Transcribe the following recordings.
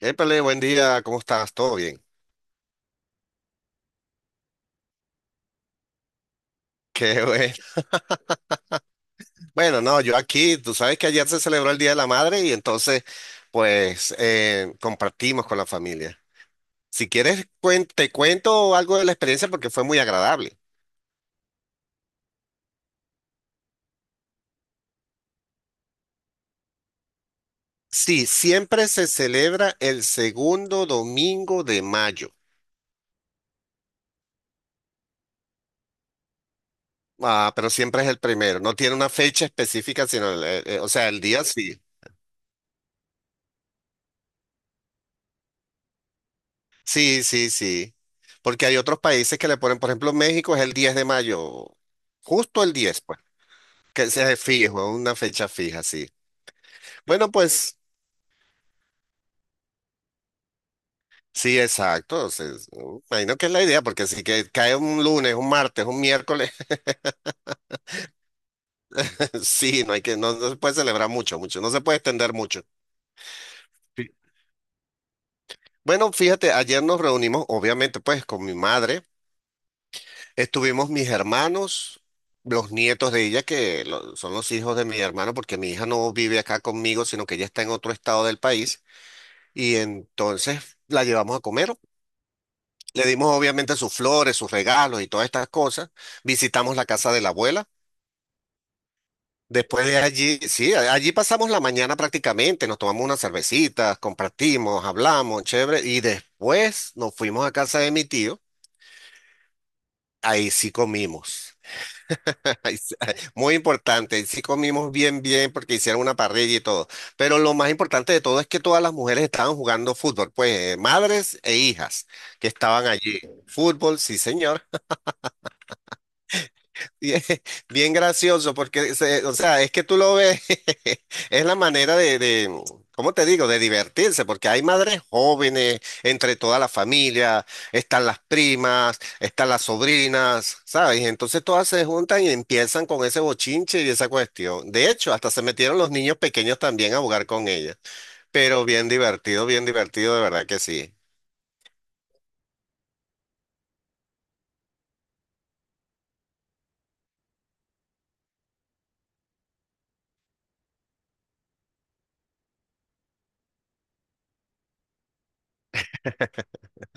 Épale, buen día, ¿cómo estás? ¿Todo bien? Qué bueno. Bueno, no, yo aquí, tú sabes que ayer se celebró el Día de la Madre y entonces, pues, compartimos con la familia. Si quieres, te cuento algo de la experiencia porque fue muy agradable. Sí, siempre se celebra el segundo domingo de mayo. Ah, pero siempre es el primero. No tiene una fecha específica, sino, o sea, el día sí. Sí. Porque hay otros países que le ponen, por ejemplo, México es el 10 de mayo, justo el 10. Que sea fijo, una fecha fija, sí. Bueno, pues sí, exacto. O sea, imagino que es la idea, porque si que cae un lunes, un martes, un miércoles, sí, no, no se puede celebrar mucho, mucho, no se puede extender mucho. Sí. Bueno, fíjate, ayer nos reunimos, obviamente, pues con mi madre, estuvimos mis hermanos, los nietos de ella, que son los hijos de mi hermano, porque mi hija no vive acá conmigo, sino que ella está en otro estado del país, y entonces la llevamos a comer. Le dimos obviamente sus flores, sus regalos y todas estas cosas. Visitamos la casa de la abuela. Después de allí, sí, allí pasamos la mañana prácticamente, nos tomamos unas cervecitas, compartimos, hablamos, chévere, y después nos fuimos a casa de mi tío, ahí sí comimos. Muy importante, ahí sí comimos bien, bien, porque hicieron una parrilla y todo, pero lo más importante de todo es que todas las mujeres estaban jugando fútbol, pues madres e hijas que estaban allí, fútbol, sí señor. Bien, bien gracioso, porque, o sea, es que tú lo ves. Es la manera de ¿cómo te digo?, de divertirse, porque hay madres jóvenes entre toda la familia, están las primas, están las sobrinas, ¿sabes? Y entonces todas se juntan y empiezan con ese bochinche y esa cuestión. De hecho, hasta se metieron los niños pequeños también a jugar con ellas, pero bien divertido, de verdad que sí.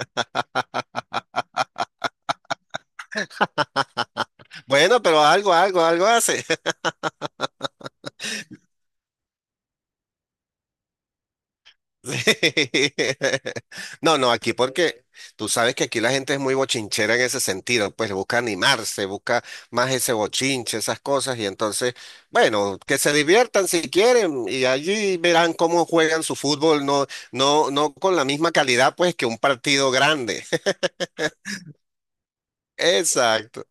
Bueno, pero algo, algo, algo hace. No, no, aquí porque tú sabes que aquí la gente es muy bochinchera en ese sentido, pues busca animarse, busca más ese bochinche, esas cosas, y entonces, bueno, que se diviertan si quieren, y allí verán cómo juegan su fútbol, no, no con la misma calidad, pues, que un partido grande. Exacto.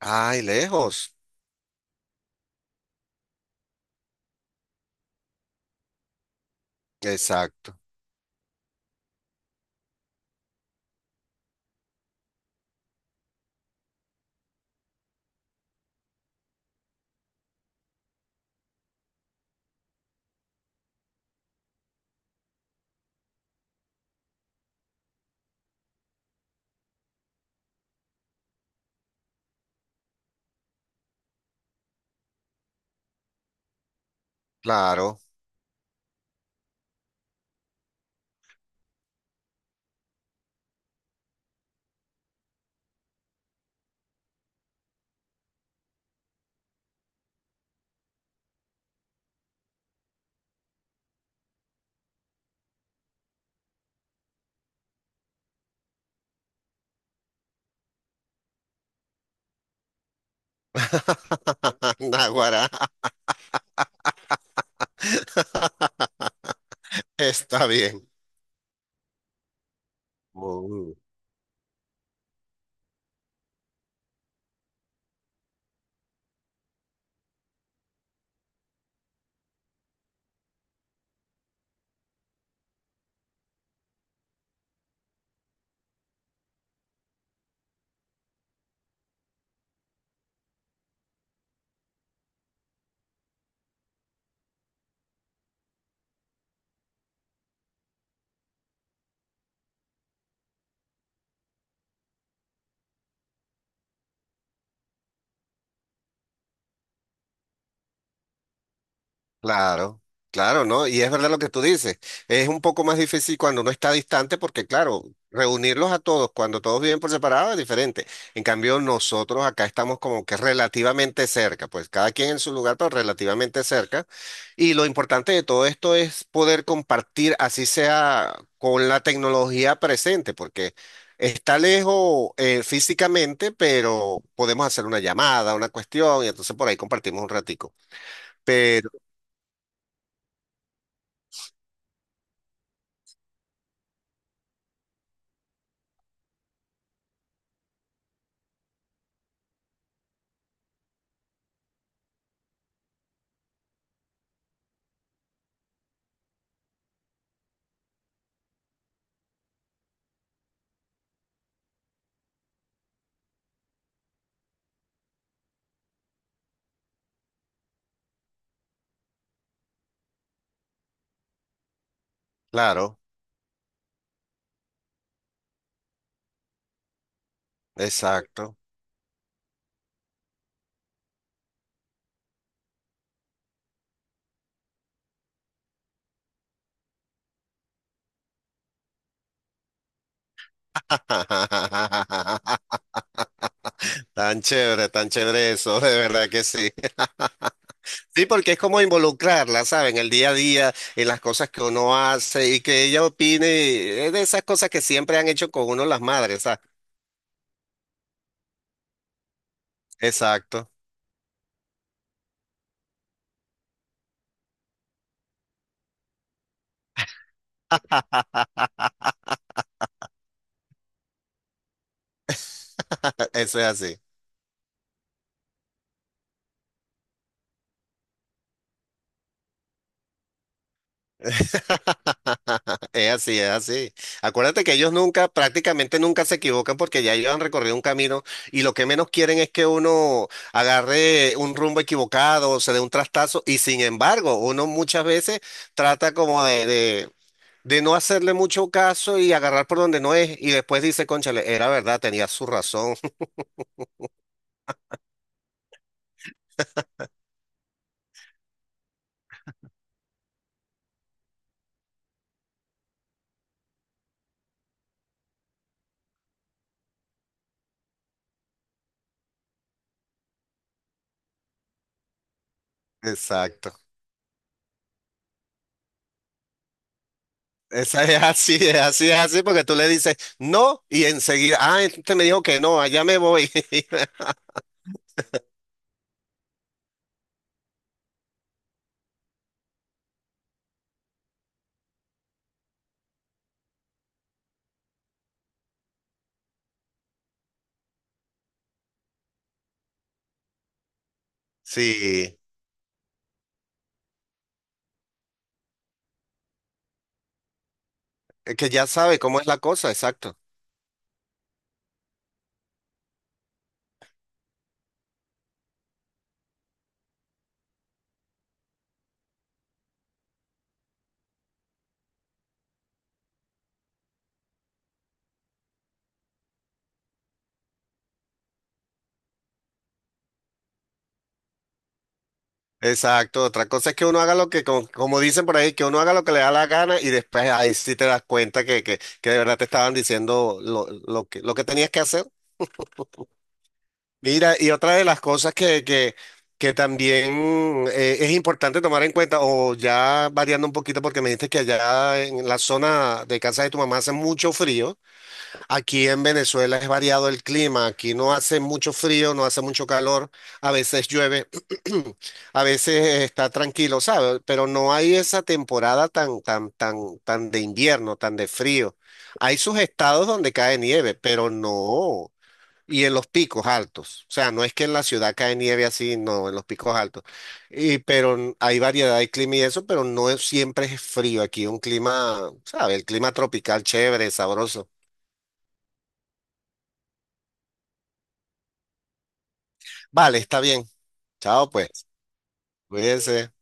Ay, lejos. Exacto. Claro. Naguará. Está bien. Mm. Claro, claro, ¿no? Y es verdad lo que tú dices. Es un poco más difícil cuando uno está distante porque, claro, reunirlos a todos cuando todos viven por separado es diferente. En cambio, nosotros acá estamos como que relativamente cerca, pues cada quien en su lugar, pero relativamente cerca. Y lo importante de todo esto es poder compartir, así sea con la tecnología presente, porque está lejos físicamente, pero podemos hacer una llamada, una cuestión, y entonces por ahí compartimos un ratico. Pero, claro. Exacto. Tan chévere eso, de verdad que sí. Sí, porque es como involucrarla, ¿saben? El día a día, en las cosas que uno hace y que ella opine, es de esas cosas que siempre han hecho con uno las madres, ¿sabes? Exacto, eso es así. Es así, es así. Acuérdate que ellos nunca, prácticamente nunca se equivocan porque ya ellos han recorrido un camino y lo que menos quieren es que uno agarre un rumbo equivocado, se dé un trastazo y sin embargo, uno muchas veces trata como de de no hacerle mucho caso y agarrar por donde no es y después dice, cónchale, era verdad, tenía su razón. Exacto. Esa es así, es así, es así porque tú le dices no y enseguida, ah, este me dijo que no, allá me voy. Sí. Es que ya sabe cómo es la cosa, exacto. Exacto. Otra cosa es que uno haga lo que, como, como dicen por ahí, que uno haga lo que le da la gana y después ahí sí te das cuenta que de verdad te estaban diciendo lo que tenías que hacer. Mira, y otra de las cosas que también es importante tomar en cuenta, o ya variando un poquito, porque me dijiste que allá en la zona de casa de tu mamá hace mucho frío. Aquí en Venezuela es variado el clima, aquí no hace mucho frío, no hace mucho calor, a veces llueve, a veces está tranquilo, ¿sabes? Pero no hay esa temporada tan, tan, tan, tan de invierno, tan de frío. Hay sus estados donde cae nieve, pero no, y en los picos altos. O sea, no es que en la ciudad cae nieve así, no, en los picos altos. Y, pero hay variedad de clima y eso, pero no es- siempre es frío. Aquí un clima, ¿sabes? El clima tropical chévere, sabroso. Vale, está bien. Chao, pues. Cuídense.